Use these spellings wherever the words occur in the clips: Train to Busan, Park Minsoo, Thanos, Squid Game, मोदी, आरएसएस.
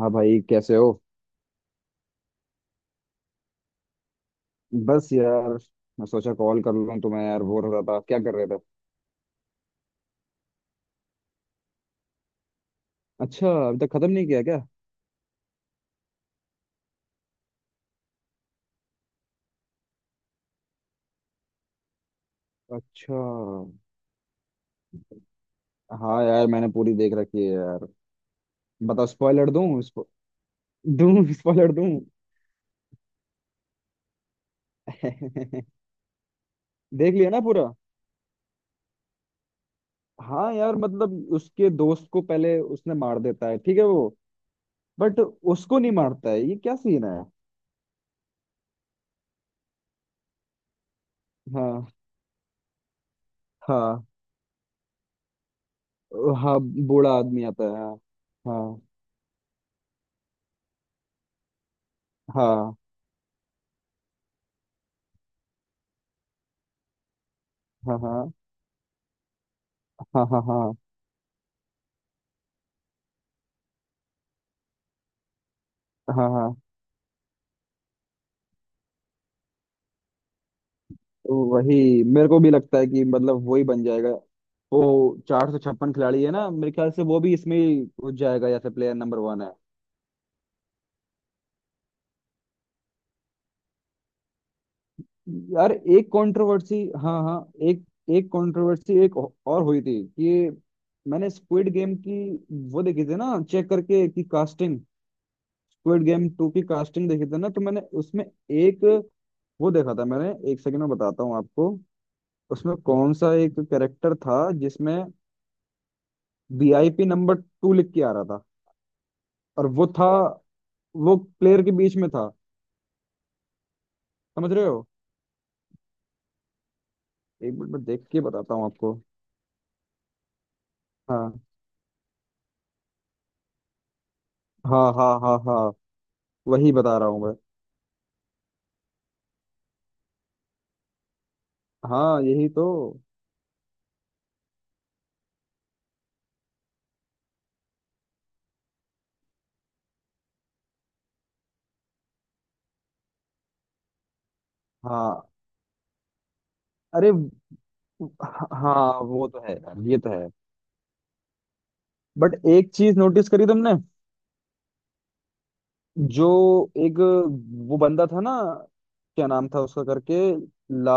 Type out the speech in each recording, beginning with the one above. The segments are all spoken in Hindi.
हाँ भाई, कैसे हो। बस यार, मैं सोचा कॉल कर लूँ तुम्हें। यार बोर हो रहा था, क्या कर रहे थे। अच्छा, अभी तक खत्म नहीं किया क्या। अच्छा। हाँ यार, मैंने पूरी देख रखी है यार। बताओ स्पॉइलर दूँ, दूँ स्पॉइलर दूँ। देख लिया ना पूरा। हाँ यार, मतलब उसके दोस्त को पहले उसने मार देता है, ठीक है वो। बट उसको नहीं मारता है, ये क्या सीन है। हाँ, हाँ, हाँ। बूढ़ा आदमी आता है। हाँ, हाँ, हाँ, हाँ, हाँ, हाँ, हाँ, हाँ, हाँ, हाँ। तो वही, मेरे को भी लगता है कि मतलब वही बन जाएगा वो। 456 खिलाड़ी है ना मेरे ख्याल से, वो भी इसमें ही घुस जाएगा जैसे प्लेयर नंबर 1 है। यार एक कंट्रोवर्सी। हाँ, हाँ। एक एक कंट्रोवर्सी एक और हुई थी कि मैंने स्क्विड गेम की वो देखी थी ना, चेक करके कि कास्टिंग, स्क्विड गेम टू की कास्टिंग देखी थी ना, तो मैंने उसमें एक वो देखा था। मैंने एक सेकंड में बताता हूँ आपको। उसमें कौन सा एक कैरेक्टर था जिसमें VIP नंबर 2 लिख के आ रहा था। और वो था, वो प्लेयर के बीच में था। समझ रहे हो। एक मिनट में देख के बताता हूँ आपको। हाँ, हाँ, हाँ, हाँ, हाँ। वही बता रहा हूँ मैं। हाँ यही तो। हाँ। अरे, हाँ वो तो है यार, ये तो है। बट एक चीज नोटिस करी तुमने। जो एक वो बंदा था ना, क्या नाम था उसका करके, ला,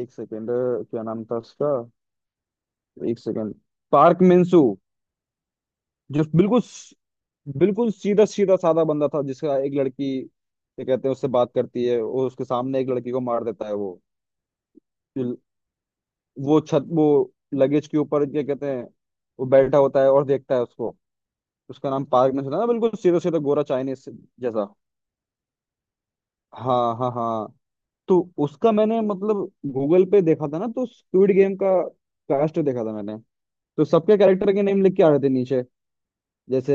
एक सेकेंड, क्या नाम था उसका। एक सेकेंड। Park Minsu. जो बिल्कुल बिल्कुल सीधा सीधा साधा बंदा था, जिसका एक लड़की क्या कहते हैं उससे बात करती है, और उसके सामने एक लड़की को मार देता है वो। जो- वो छत वो लगेज के ऊपर क्या कहते हैं, वो बैठा होता है और देखता है उसको। उसका नाम पार्क ने सुना ना, बिल्कुल सीधा सीधा गोरा चाइनीज जैसा। हाँ, हाँ, हाँ। तो उसका मैंने मतलब गूगल पे देखा था ना, तो स्क्विड गेम का कास्ट देखा था मैंने। तो सबके कैरेक्टर के नेम लिख के आ रहे थे नीचे, जैसे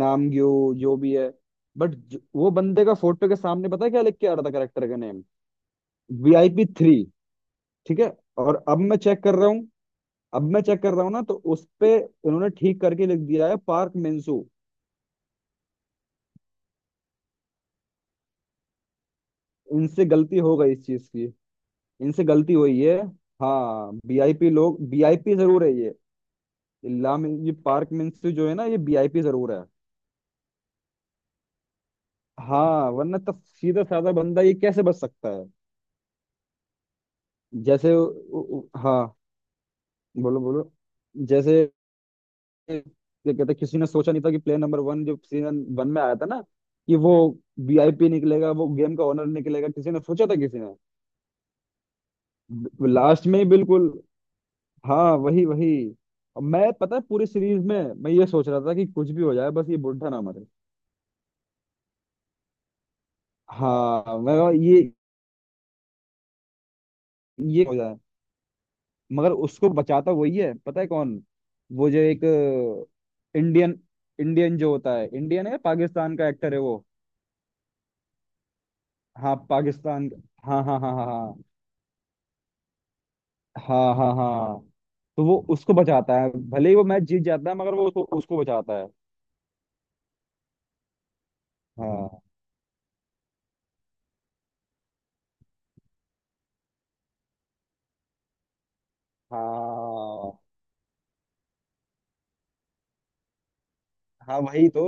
नामग्यो जो भी है। बट वो बंदे का फोटो के सामने पता है क्या लिख के आ रहा था करेक्टर का नेम। VIP 3। ठीक है। और अब मैं चेक कर रहा हूँ। अब मैं चेक कर रहा हूँ ना तो उस पे उन्होंने ठीक करके लिख दिया है पार्क मेंसू। इनसे गलती हो गई इस चीज की। इनसे गलती हुई है। हाँ, VIP लोग, VIP जरूर है ये। इल्लाम, ये पार्क मेंसू जो है ना, ये VIP जरूर है। हाँ, वरना तो सीधा साधा बंदा ये कैसे बच सकता है। जैसे हाँ। बोलो, बोलो। जैसे ये कहते, किसी ने सोचा नहीं था कि प्लेयर नंबर 1 जो सीजन 1 में आया था ना, कि वो VIP निकलेगा, वो गेम का ओनर निकलेगा, किसी ने सोचा था, किसी ने। लास्ट में ही बिल्कुल। हाँ वही वही। और मैं पता है पूरी सीरीज में मैं ये सोच रहा था कि कुछ भी हो जाए, बस ये बुढ़ा ना मरे। हाँ मैं कहा, ये हो जाए। मगर उसको बचाता वही है, पता है कौन। वो जो एक इंडियन, इंडियन जो होता है, इंडियन है, पाकिस्तान का एक्टर है वो। हाँ, पाकिस्तान। हाँ, हाँ, हाँ, हाँ, हाँ, हाँ, हाँ, हाँ। तो वो उसको बचाता है, भले ही वो मैच जीत जाता है, मगर वो उसको बचाता है। हाँ। हाँ, हाँ। वही तो।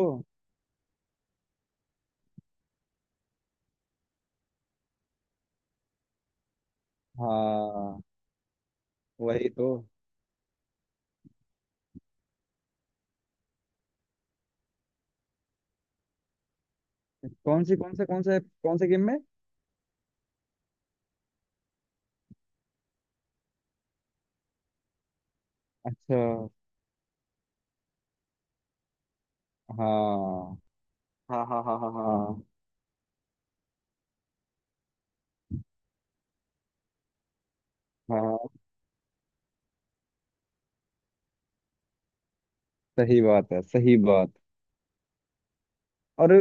हाँ, वही तो। कौन सी, कौन से, कौन से, कौन से गेम में। अच्छा। हाँ, हाँ, हाँ, हाँ, हाँ, हाँ, हाँ। सही बात है, सही बात। और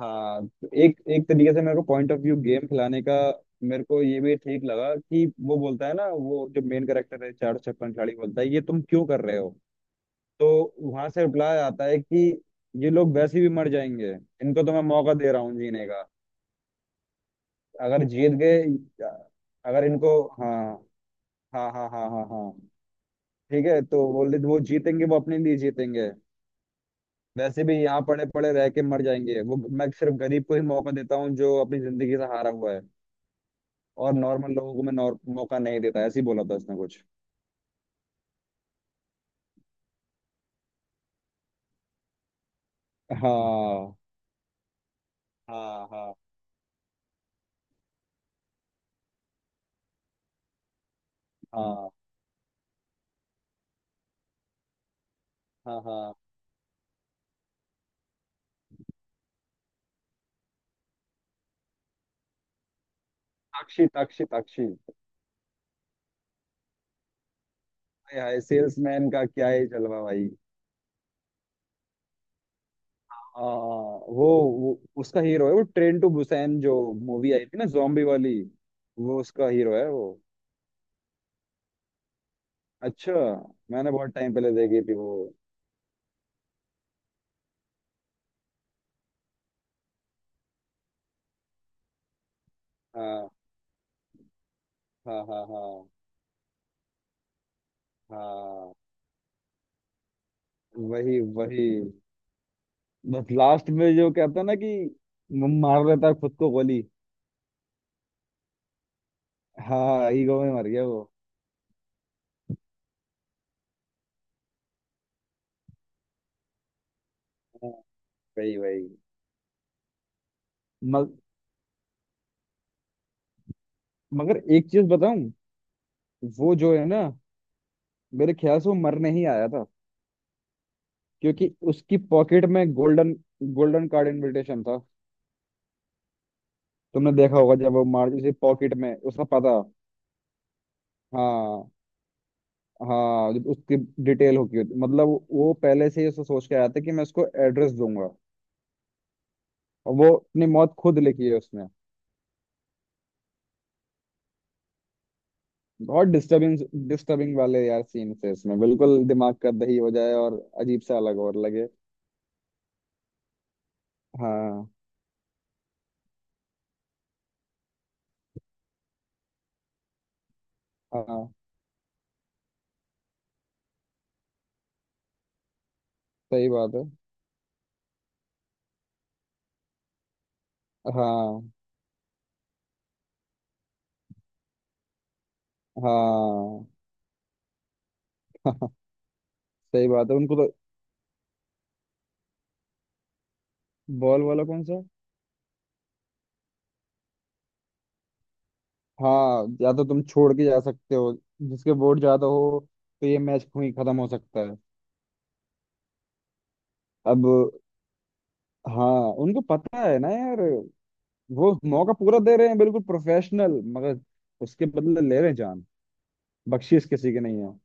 हाँ, तो एक एक तरीके से मेरे को पॉइंट ऑफ व्यू गेम खिलाने का, मेरे को ये भी ठीक लगा कि वो बोलता है ना, वो जो मेन कैरेक्टर है, 456 खिलाड़ी बोलता है ये तुम क्यों कर रहे हो। तो वहां से रिप्लाई आता है कि ये लोग वैसे भी मर जाएंगे, इनको तो मैं मौका दे रहा हूँ जीने का। अगर जीत गए, अगर इनको, हाँ, हाँ, हाँ, हाँ, हाँ, हाँ। ठीक है तो बोले, वो जीतेंगे वो अपने लिए जीतेंगे। वैसे भी यहाँ पड़े पड़े रह के मर जाएंगे वो। मैं सिर्फ गरीब को ही मौका देता हूँ जो अपनी जिंदगी से हारा हुआ है। और नॉर्मल लोगों को मैं मौका नहीं देता, ऐसे ही बोला था उसने कुछ। हाँ, हाँ, हाँ, हाँ, हाँ, हाँ। अक्षी, अक्षी, अक्षी। हाय हाय, सेल्समैन का क्या ही जलवा भाई। हाँ, हाँ, वो उसका हीरो है, वो ट्रेन टू बुसान जो मूवी आई थी ना, जॉम्बी वाली। वो उसका हीरो है वो। अच्छा। मैंने बहुत टाइम पहले देखी थी वो। हाँ, हाँ, हाँ, हाँ, हाँ। वही वही। बस लास्ट में जो कहता है ना कि, मार लेता है खुद को गोली। हाँ, ईगो में मर गया वो। हाँ, वही वही। मग, मगर एक चीज बताऊं। वो जो है ना, मेरे ख्याल से वो मर नहीं आया था। क्योंकि उसकी पॉकेट में गोल्डन, गोल्डन कार्ड इनविटेशन था। तुमने देखा होगा जब वो मार, उसी पॉकेट में उसका पता। हाँ, हाँ। जब उसकी डिटेल होगी, मतलब वो पहले से ही उसको सोच के आया था कि मैं उसको एड्रेस दूंगा। और वो अपनी मौत खुद लिखी है उसने। बहुत डिस्टर्बिंग, डिस्टर्बिंग वाले यार सीन थे इसमें, बिल्कुल दिमाग का दही हो जाए और अजीब सा अलग और लगे। हाँ, हाँ। सही बात है। हाँ, हाँ। सही बात है उनको तो। बॉल वाला कौन सा है? हाँ, या तो तुम छोड़ के जा सकते हो जिसके बोर्ड ज्यादा हो, तो ये मैच वहीं खत्म हो सकता है। अब हाँ, उनको पता है ना यार। वो मौका पूरा दे रहे हैं, बिल्कुल प्रोफेशनल, मगर उसके बदले ले रहे हैं जान। बख्शीश किसी की नहीं है।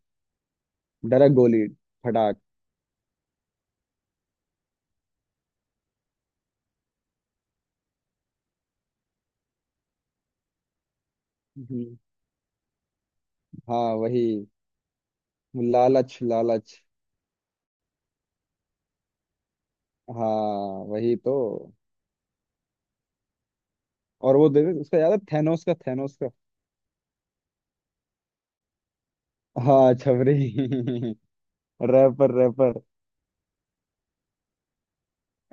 डायरेक्ट गोली, फटाक। हम्म। हाँ वही, लालच, लालच। हाँ वही तो। और वो देखे उसका, याद है थैनोस का, थैनोस का। हाँ छबरी। Wrapper, rapper.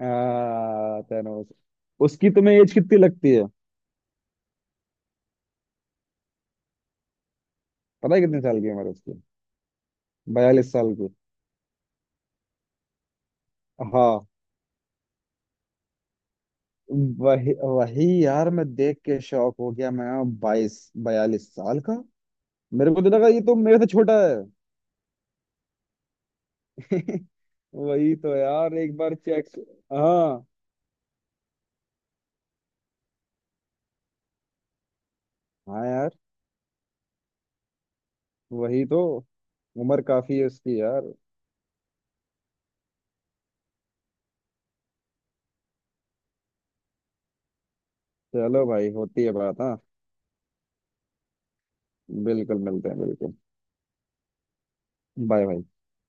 हाँ थैनोस। उसकी तुम्हें एज कितनी लगती है। पता है कितने साल की उम्र है उसकी। 42 साल की। हाँ। वही वही यार, मैं देख के शौक हो गया मैं। 22, 42 साल का। मेरे को तो लगा ये तो मेरे से छोटा है। वही तो यार, एक बार चेक। हाँ, हाँ यार, वही तो। उम्र काफी है उसकी यार। चलो भाई, होती है बात, हाँ। बिल्कुल मिलते हैं, बिल्कुल। बाय भाई।